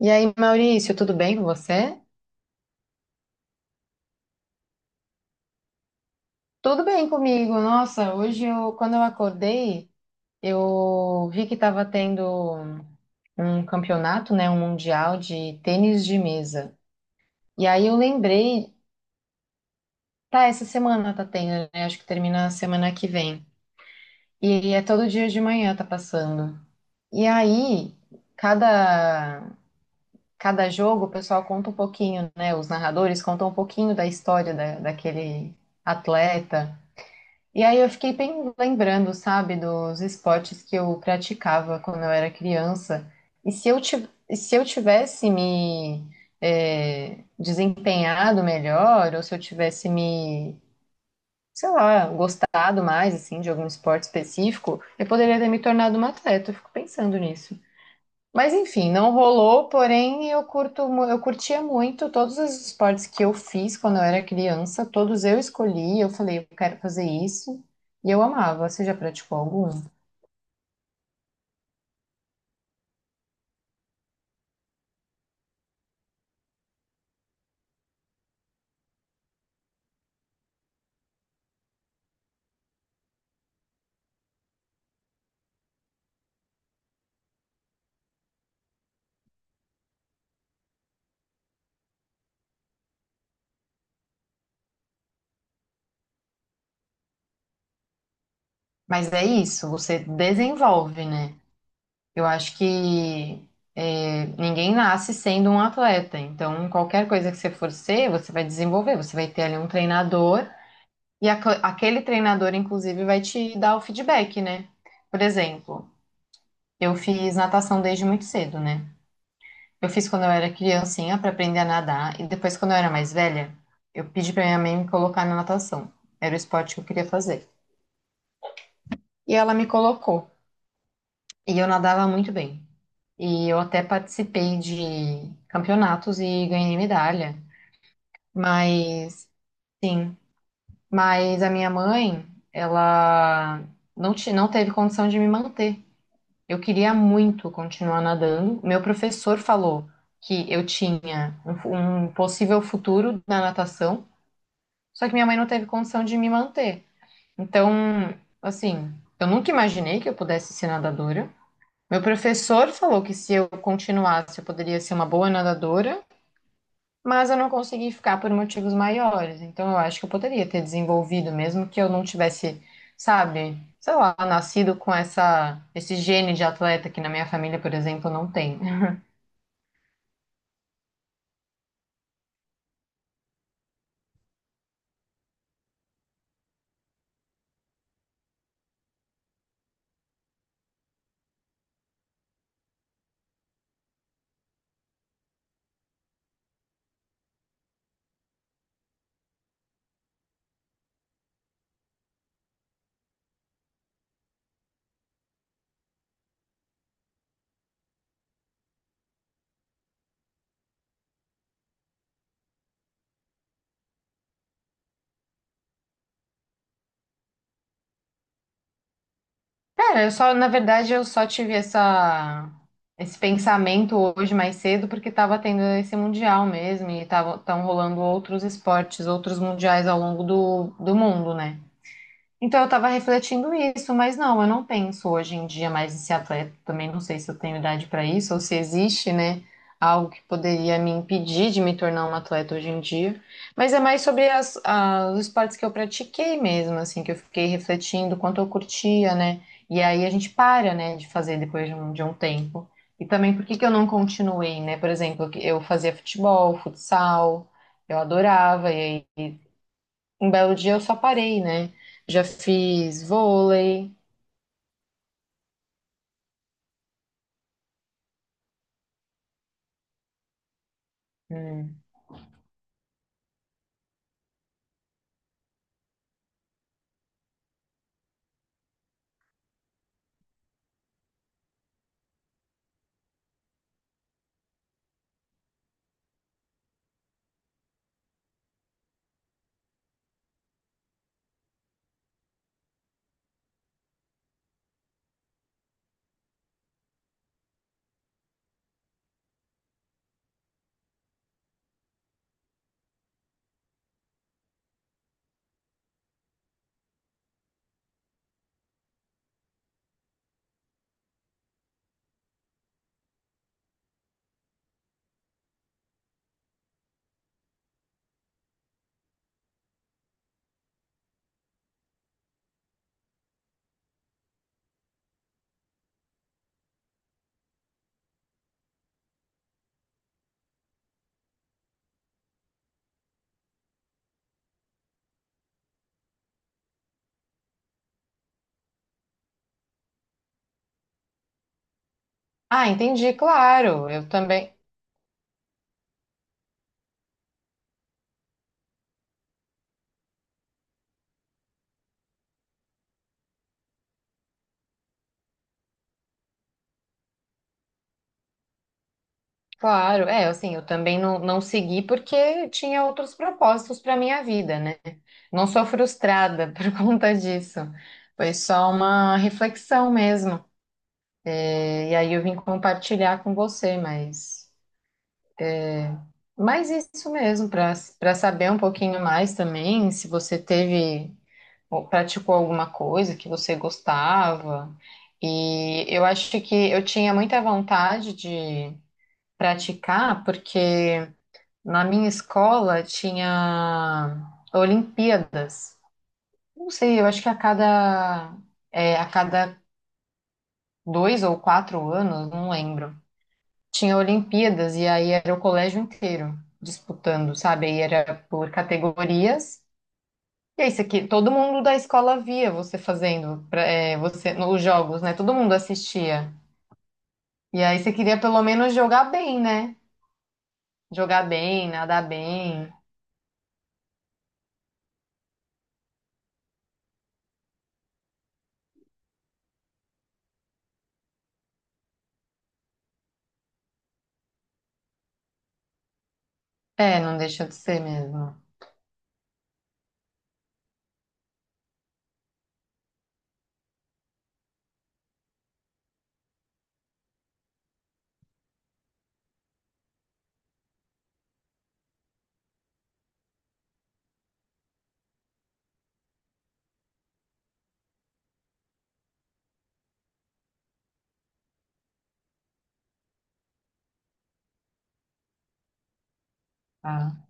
E aí, Maurício, tudo bem com você? Tudo bem comigo. Nossa, hoje eu, quando eu acordei, eu vi que estava tendo um campeonato, né, um mundial de tênis de mesa. E aí eu lembrei, tá, essa semana tá tendo, né? Acho que termina a semana que vem. E é todo dia de manhã tá passando. E aí, cada cada jogo, o pessoal conta um pouquinho, né? Os narradores contam um pouquinho da história da, daquele atleta. E aí eu fiquei bem lembrando, sabe, dos esportes que eu praticava quando eu era criança. E se e se eu tivesse me desempenhado melhor, ou se eu tivesse me, sei lá, gostado mais, assim, de algum esporte específico, eu poderia ter me tornado uma atleta. Eu fico pensando nisso. Mas enfim, não rolou, porém eu eu curtia muito todos os esportes que eu fiz quando eu era criança, todos eu escolhi, eu falei, eu quero fazer isso, e eu amava. Você já praticou algum? Mas é isso, você desenvolve, né? Eu acho que ninguém nasce sendo um atleta, então qualquer coisa que você for ser, você vai desenvolver, você vai ter ali um treinador, e aquele treinador, inclusive, vai te dar o feedback, né? Por exemplo, eu fiz natação desde muito cedo, né? Eu fiz quando eu era criancinha para aprender a nadar e depois quando eu era mais velha, eu pedi para minha mãe me colocar na natação. Era o esporte que eu queria fazer. E ela me colocou e eu nadava muito bem. E eu até participei de campeonatos e ganhei medalha. Mas sim, mas a minha mãe, ela não teve condição de me manter. Eu queria muito continuar nadando. Meu professor falou que eu tinha um possível futuro na natação, só que minha mãe não teve condição de me manter. Então, assim, eu nunca imaginei que eu pudesse ser nadadora. Meu professor falou que se eu continuasse, eu poderia ser uma boa nadadora. Mas eu não consegui ficar por motivos maiores. Então eu acho que eu poderia ter desenvolvido, mesmo que eu não tivesse, sabe, sei lá, nascido com essa, esse gene de atleta que na minha família, por exemplo, não tem. Cara, eu só, na verdade, eu só tive essa, esse pensamento hoje mais cedo porque tava tendo esse mundial mesmo e tava, tão rolando outros esportes, outros mundiais ao longo do mundo, né? Então, eu tava refletindo isso, mas não, eu não penso hoje em dia mais em ser atleta. Também não sei se eu tenho idade para isso ou se existe, né, algo que poderia me impedir de me tornar uma atleta hoje em dia. Mas é mais sobre os esportes que eu pratiquei mesmo, assim, que eu fiquei refletindo quanto eu curtia, né? E aí a gente para, né, de fazer depois de de um tempo. E também por que que eu não continuei, né? Por exemplo, eu fazia futebol, futsal, eu adorava, e aí. Um belo dia eu só parei, né? Já fiz vôlei. Hum. Ah, entendi, claro. Eu também, claro. É, assim, eu também não, não segui porque tinha outros propósitos para minha vida, né? Não sou frustrada por conta disso. Foi só uma reflexão mesmo. E aí eu vim compartilhar com você, mas isso mesmo, para saber um pouquinho mais também, se você teve ou praticou alguma coisa que você gostava. E eu acho que eu tinha muita vontade de praticar, porque na minha escola tinha Olimpíadas. Não sei, eu acho que a cada, é, a cada dois ou quatro anos, não lembro. Tinha Olimpíadas e aí era o colégio inteiro disputando, sabe? Aí era por categorias. E é isso aqui, todo mundo da escola via você você, os jogos, né? Todo mundo assistia. E aí você queria pelo menos jogar bem, né? Jogar bem, nadar bem. É, não deixa de ser mesmo. Tá?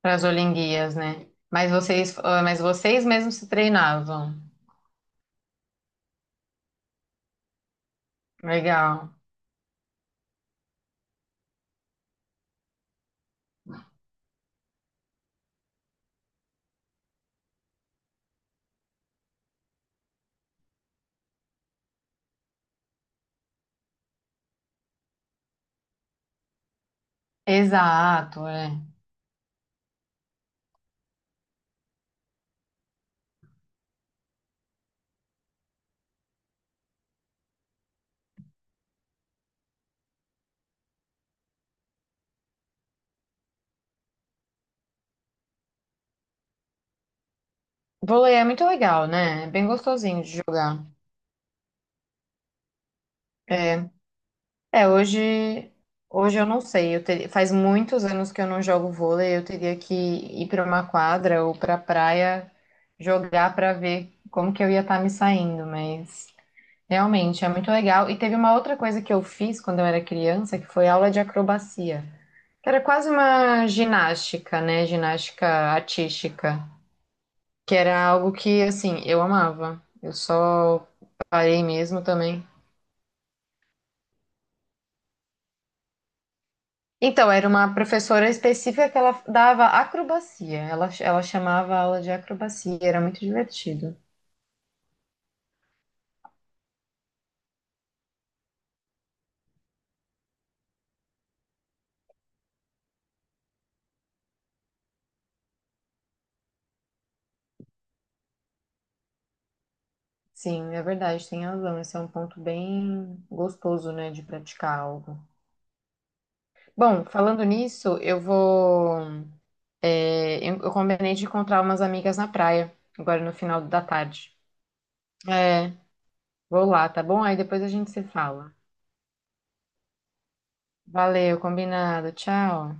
Para as Olimpíadas, né? Mas vocês, ah, mas vocês mesmos se treinavam. Legal. Exato, é. Vôlei é muito legal, né? É bem gostosinho de jogar. É. É, hoje, hoje eu não sei. Eu teria, faz muitos anos que eu não jogo vôlei. Eu teria que ir para uma quadra ou para praia jogar para ver como que eu ia estar me saindo. Mas realmente é muito legal. E teve uma outra coisa que eu fiz quando eu era criança, que foi aula de acrobacia, que era quase uma ginástica, né? Ginástica artística, que era algo que assim eu amava. Eu só parei mesmo também. Então, era uma professora específica que ela dava acrobacia. Ela chamava a aula de acrobacia, era muito divertido. Sim, é verdade, tem razão. Esse é um ponto bem gostoso, né, de praticar algo. Bom, falando nisso, eu vou. É, eu combinei de encontrar umas amigas na praia, agora no final da tarde. É, vou lá, tá bom? Aí depois a gente se fala. Valeu, combinado. Tchau.